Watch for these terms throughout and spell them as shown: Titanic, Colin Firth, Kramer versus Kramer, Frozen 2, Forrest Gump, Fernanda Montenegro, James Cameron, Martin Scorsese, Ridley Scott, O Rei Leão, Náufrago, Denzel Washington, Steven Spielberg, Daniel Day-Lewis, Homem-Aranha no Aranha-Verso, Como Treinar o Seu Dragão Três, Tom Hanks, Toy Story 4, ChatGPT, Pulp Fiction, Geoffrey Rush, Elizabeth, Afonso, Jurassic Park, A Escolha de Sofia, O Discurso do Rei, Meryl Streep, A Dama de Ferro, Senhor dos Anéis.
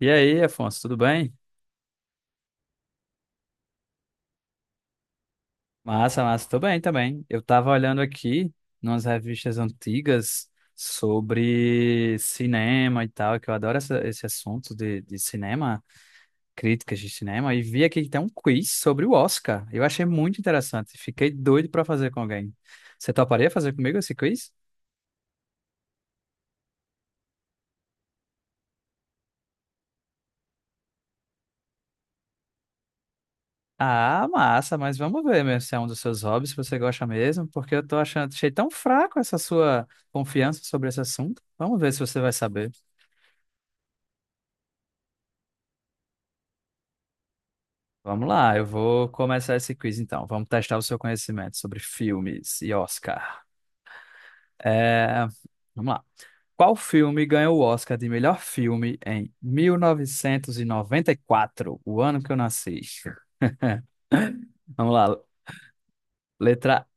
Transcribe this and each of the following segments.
E aí, Afonso, tudo bem? Massa, massa, tô bem também. Eu tava olhando aqui nas revistas antigas sobre cinema e tal, que eu adoro esse assunto de cinema, críticas de cinema, e vi aqui que tem um quiz sobre o Oscar. Eu achei muito interessante, fiquei doido pra fazer com alguém. Você toparia fazer comigo esse quiz? Ah, massa, mas vamos ver mesmo se é um dos seus hobbies, se você gosta mesmo, porque eu achei tão fraco essa sua confiança sobre esse assunto. Vamos ver se você vai saber. Vamos lá, eu vou começar esse quiz então. Vamos testar o seu conhecimento sobre filmes e Oscar. É, Vamos lá. Qual filme ganhou o Oscar de melhor filme em 1994, o ano que eu nasci? Vamos lá. Letra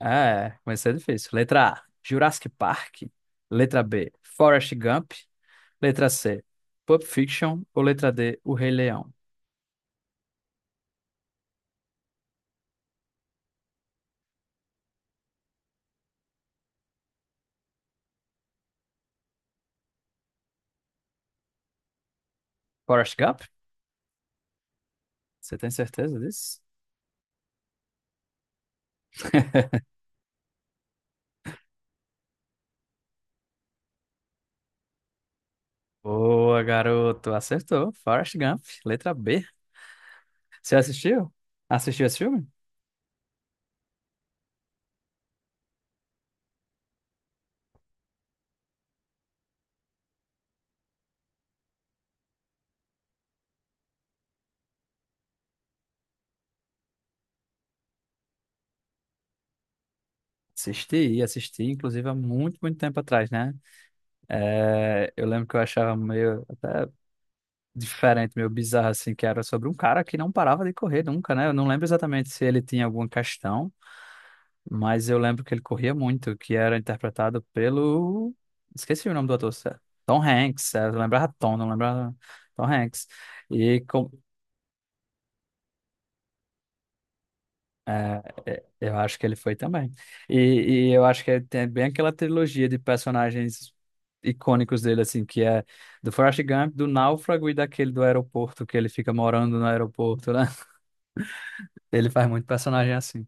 A. É, comecei difícil. Letra A, Jurassic Park. Letra B, Forrest Gump. Letra C, Pulp Fiction. Ou letra D, O Rei Leão? Forrest Gump? Você tem certeza disso? Boa, garoto. Acertou. Forrest Gump, letra B. Você assistiu? Assistiu esse filme? Assisti, assisti, inclusive há muito, muito tempo atrás, né? É, eu lembro que eu achava meio diferente, meio bizarro, assim, que era sobre um cara que não parava de correr nunca, né? Eu não lembro exatamente se ele tinha alguma questão, mas eu lembro que ele corria muito, que era interpretado pelo... Esqueci o nome do ator, certo? Tom Hanks. Eu lembrava Tom, não lembrava Tom Hanks. E com- É, eu acho que ele foi também. E eu acho que tem é bem aquela trilogia de personagens icônicos dele, assim, que é do Forrest Gump, do Náufrago e daquele do aeroporto, que ele fica morando no aeroporto, né? Ele faz muito personagem assim.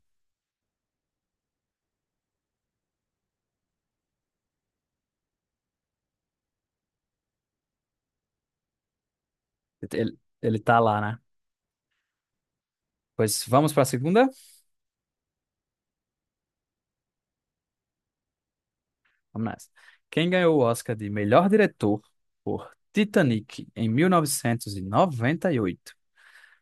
Ele tá lá, né? Pois vamos pra segunda? Vamos nessa. Quem ganhou o Oscar de melhor diretor por Titanic em 1998?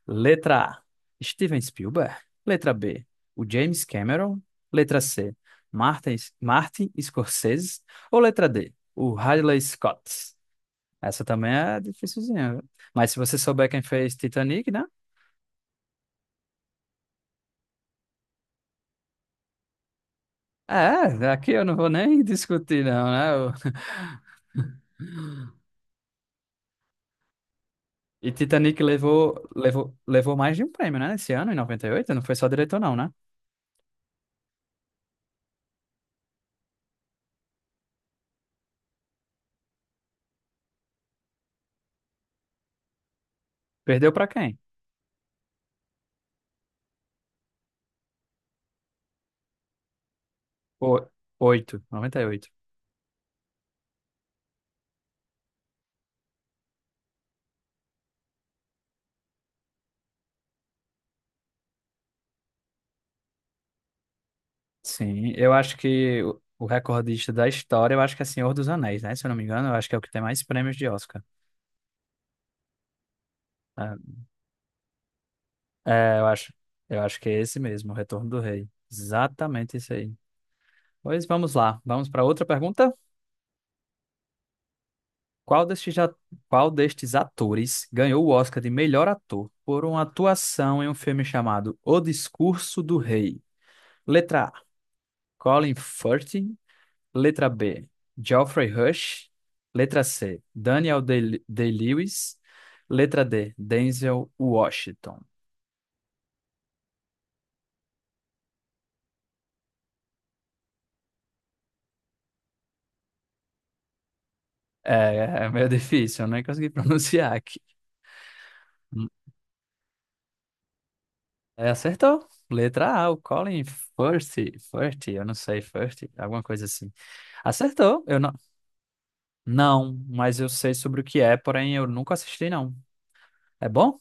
Letra A, Steven Spielberg. Letra B, o James Cameron. Letra C, Martin Scorsese. Ou letra D, o Ridley Scott. Essa também é dificilzinha. Viu? Mas se você souber quem fez Titanic, né? É, aqui eu não vou nem discutir, não, né? E Titanic levou mais de um prêmio, né? Esse ano, em 98, não foi só diretor, não, né? Perdeu pra quem? O, Oito, 98. Sim, eu acho que o recordista da história, eu acho que é Senhor dos Anéis, né? Se eu não me engano, eu acho que é o que tem mais prêmios de Oscar. É, é, eu acho, eu acho que é esse mesmo, o Retorno do Rei. Exatamente isso aí. Pois vamos lá, vamos para outra pergunta. Qual destes, a- qual destes atores ganhou o Oscar de melhor ator por uma atuação em um filme chamado O Discurso do Rei? Letra A, Colin Firth. Letra B, Geoffrey Rush. Letra C, Daniel Day-Lewis. Letra D, Denzel Washington. É meio difícil, eu nem consegui pronunciar aqui. Hum, acertou. Letra A, o Colin Firth, Firth, eu não sei, Firth, alguma coisa assim. Acertou, eu não. Não, mas eu sei sobre o que é, porém eu nunca assisti, não. É bom?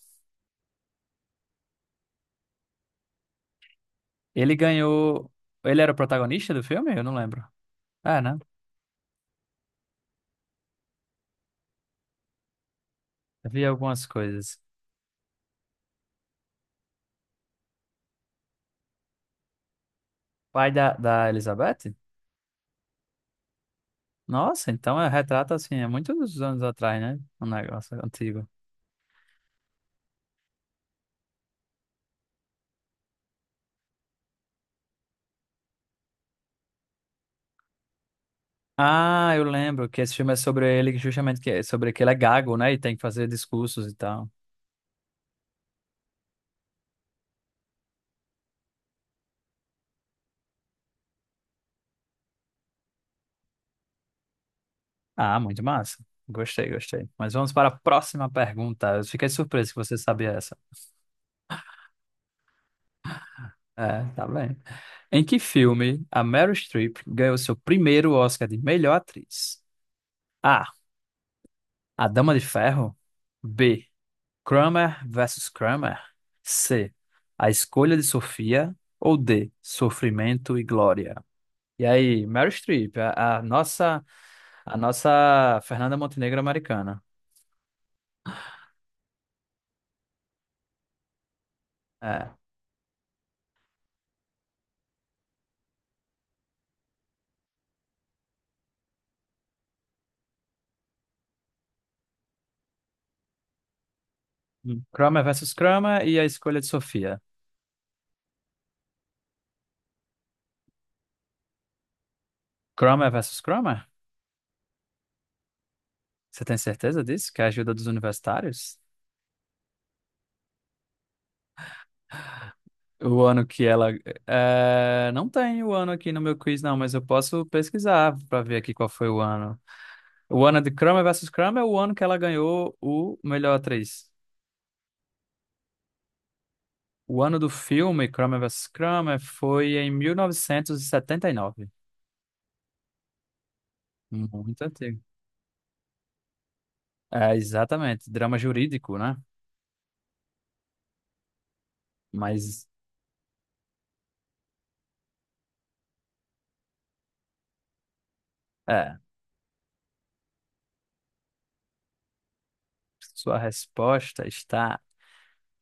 Ele ganhou. Ele era o protagonista do filme? Eu não lembro. É, né? Eu vi algumas coisas. Pai da Elizabeth? Nossa, então é retrato assim, é muitos anos atrás, né? Um negócio antigo. Ah, eu lembro que esse filme é sobre ele, que justamente que é sobre que ele é gago, né? E tem que fazer discursos e tal. Ah, muito massa. Gostei, gostei. Mas vamos para a próxima pergunta. Eu fiquei surpreso que você sabia essa. É, tá bem. Em que filme a Meryl Streep ganhou seu primeiro Oscar de melhor atriz? A. A Dama de Ferro. B. Kramer versus Kramer? C. A escolha de Sofia ou D. Sofrimento e glória? E aí, Meryl Streep, a nossa Fernanda Montenegro americana. É. Kramer versus Kramer e a escolha de Sofia. Kramer versus Kramer? Você tem certeza disso? Que é a ajuda dos universitários? O ano que ela. É, não tem o ano aqui no meu quiz, não, mas eu posso pesquisar para ver aqui qual foi o ano. O ano de Kramer versus Kramer é o ano que ela ganhou o melhor atriz. O ano do filme Kramer versus Kramer foi em 1979. Muito antigo. É, exatamente. Drama jurídico, né? Mas, é, sua resposta está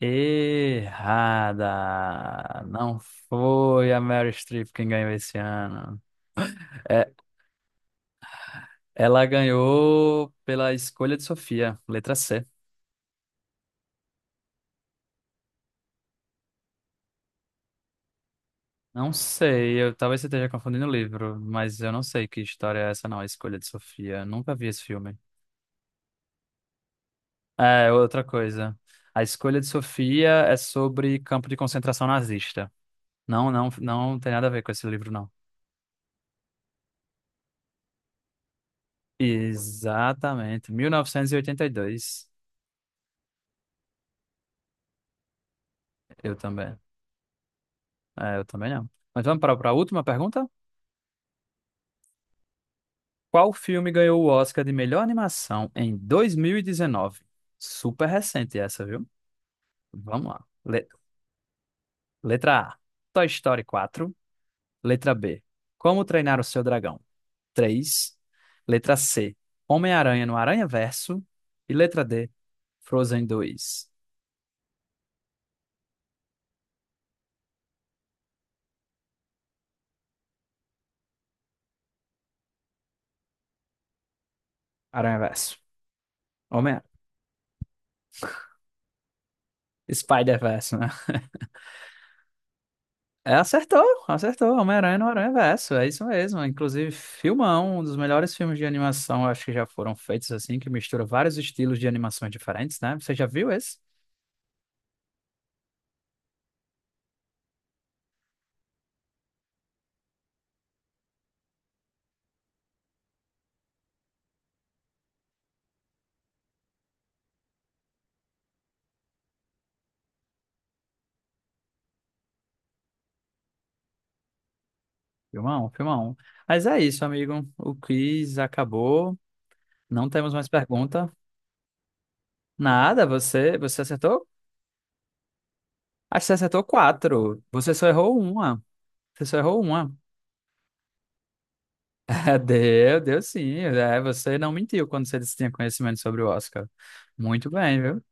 errada. Não foi a Meryl Streep quem ganhou esse ano. É, ela ganhou pela escolha de Sofia, letra C. Não sei, eu talvez você esteja confundindo o livro, mas eu não sei que história é essa, não, A Escolha de Sofia. Nunca vi esse filme. É, outra coisa. A Escolha de Sofia é sobre campo de concentração nazista. Não, não, não tem nada a ver com esse livro, não. Exatamente. 1982. Eu também. É, eu também não. Mas vamos para a última pergunta? Qual filme ganhou o Oscar de melhor animação em 2019? Super recente essa, viu? Vamos lá. Letra A, Toy Story 4. Letra B, Como Treinar o Seu Dragão 3. Letra C, Homem-Aranha no Aranha-Verso. E letra D, Frozen 2. Aranha-Verso. Homem... Spider-Verso, né? É, acertou, acertou. Homem-Aranha no Aranha-Verso, é isso mesmo. Inclusive, filmão, um dos melhores filmes de animação, acho que já foram feitos assim, que mistura vários estilos de animações diferentes, né? Você já viu esse? Filmão, filmão. Mas é isso, amigo. O quiz acabou. Não temos mais pergunta. Nada, você acertou? Acho que você acertou quatro. Você só errou uma. Você só errou uma. Deu, deu sim. É, você não mentiu quando você disse que tinha conhecimento sobre o Oscar. Muito bem, viu?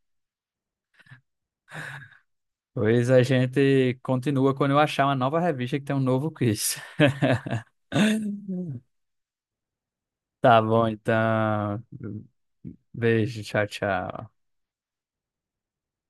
Pois a gente continua quando eu achar uma nova revista que tem um novo quiz. Tá bom, então. Beijo, tchau, tchau.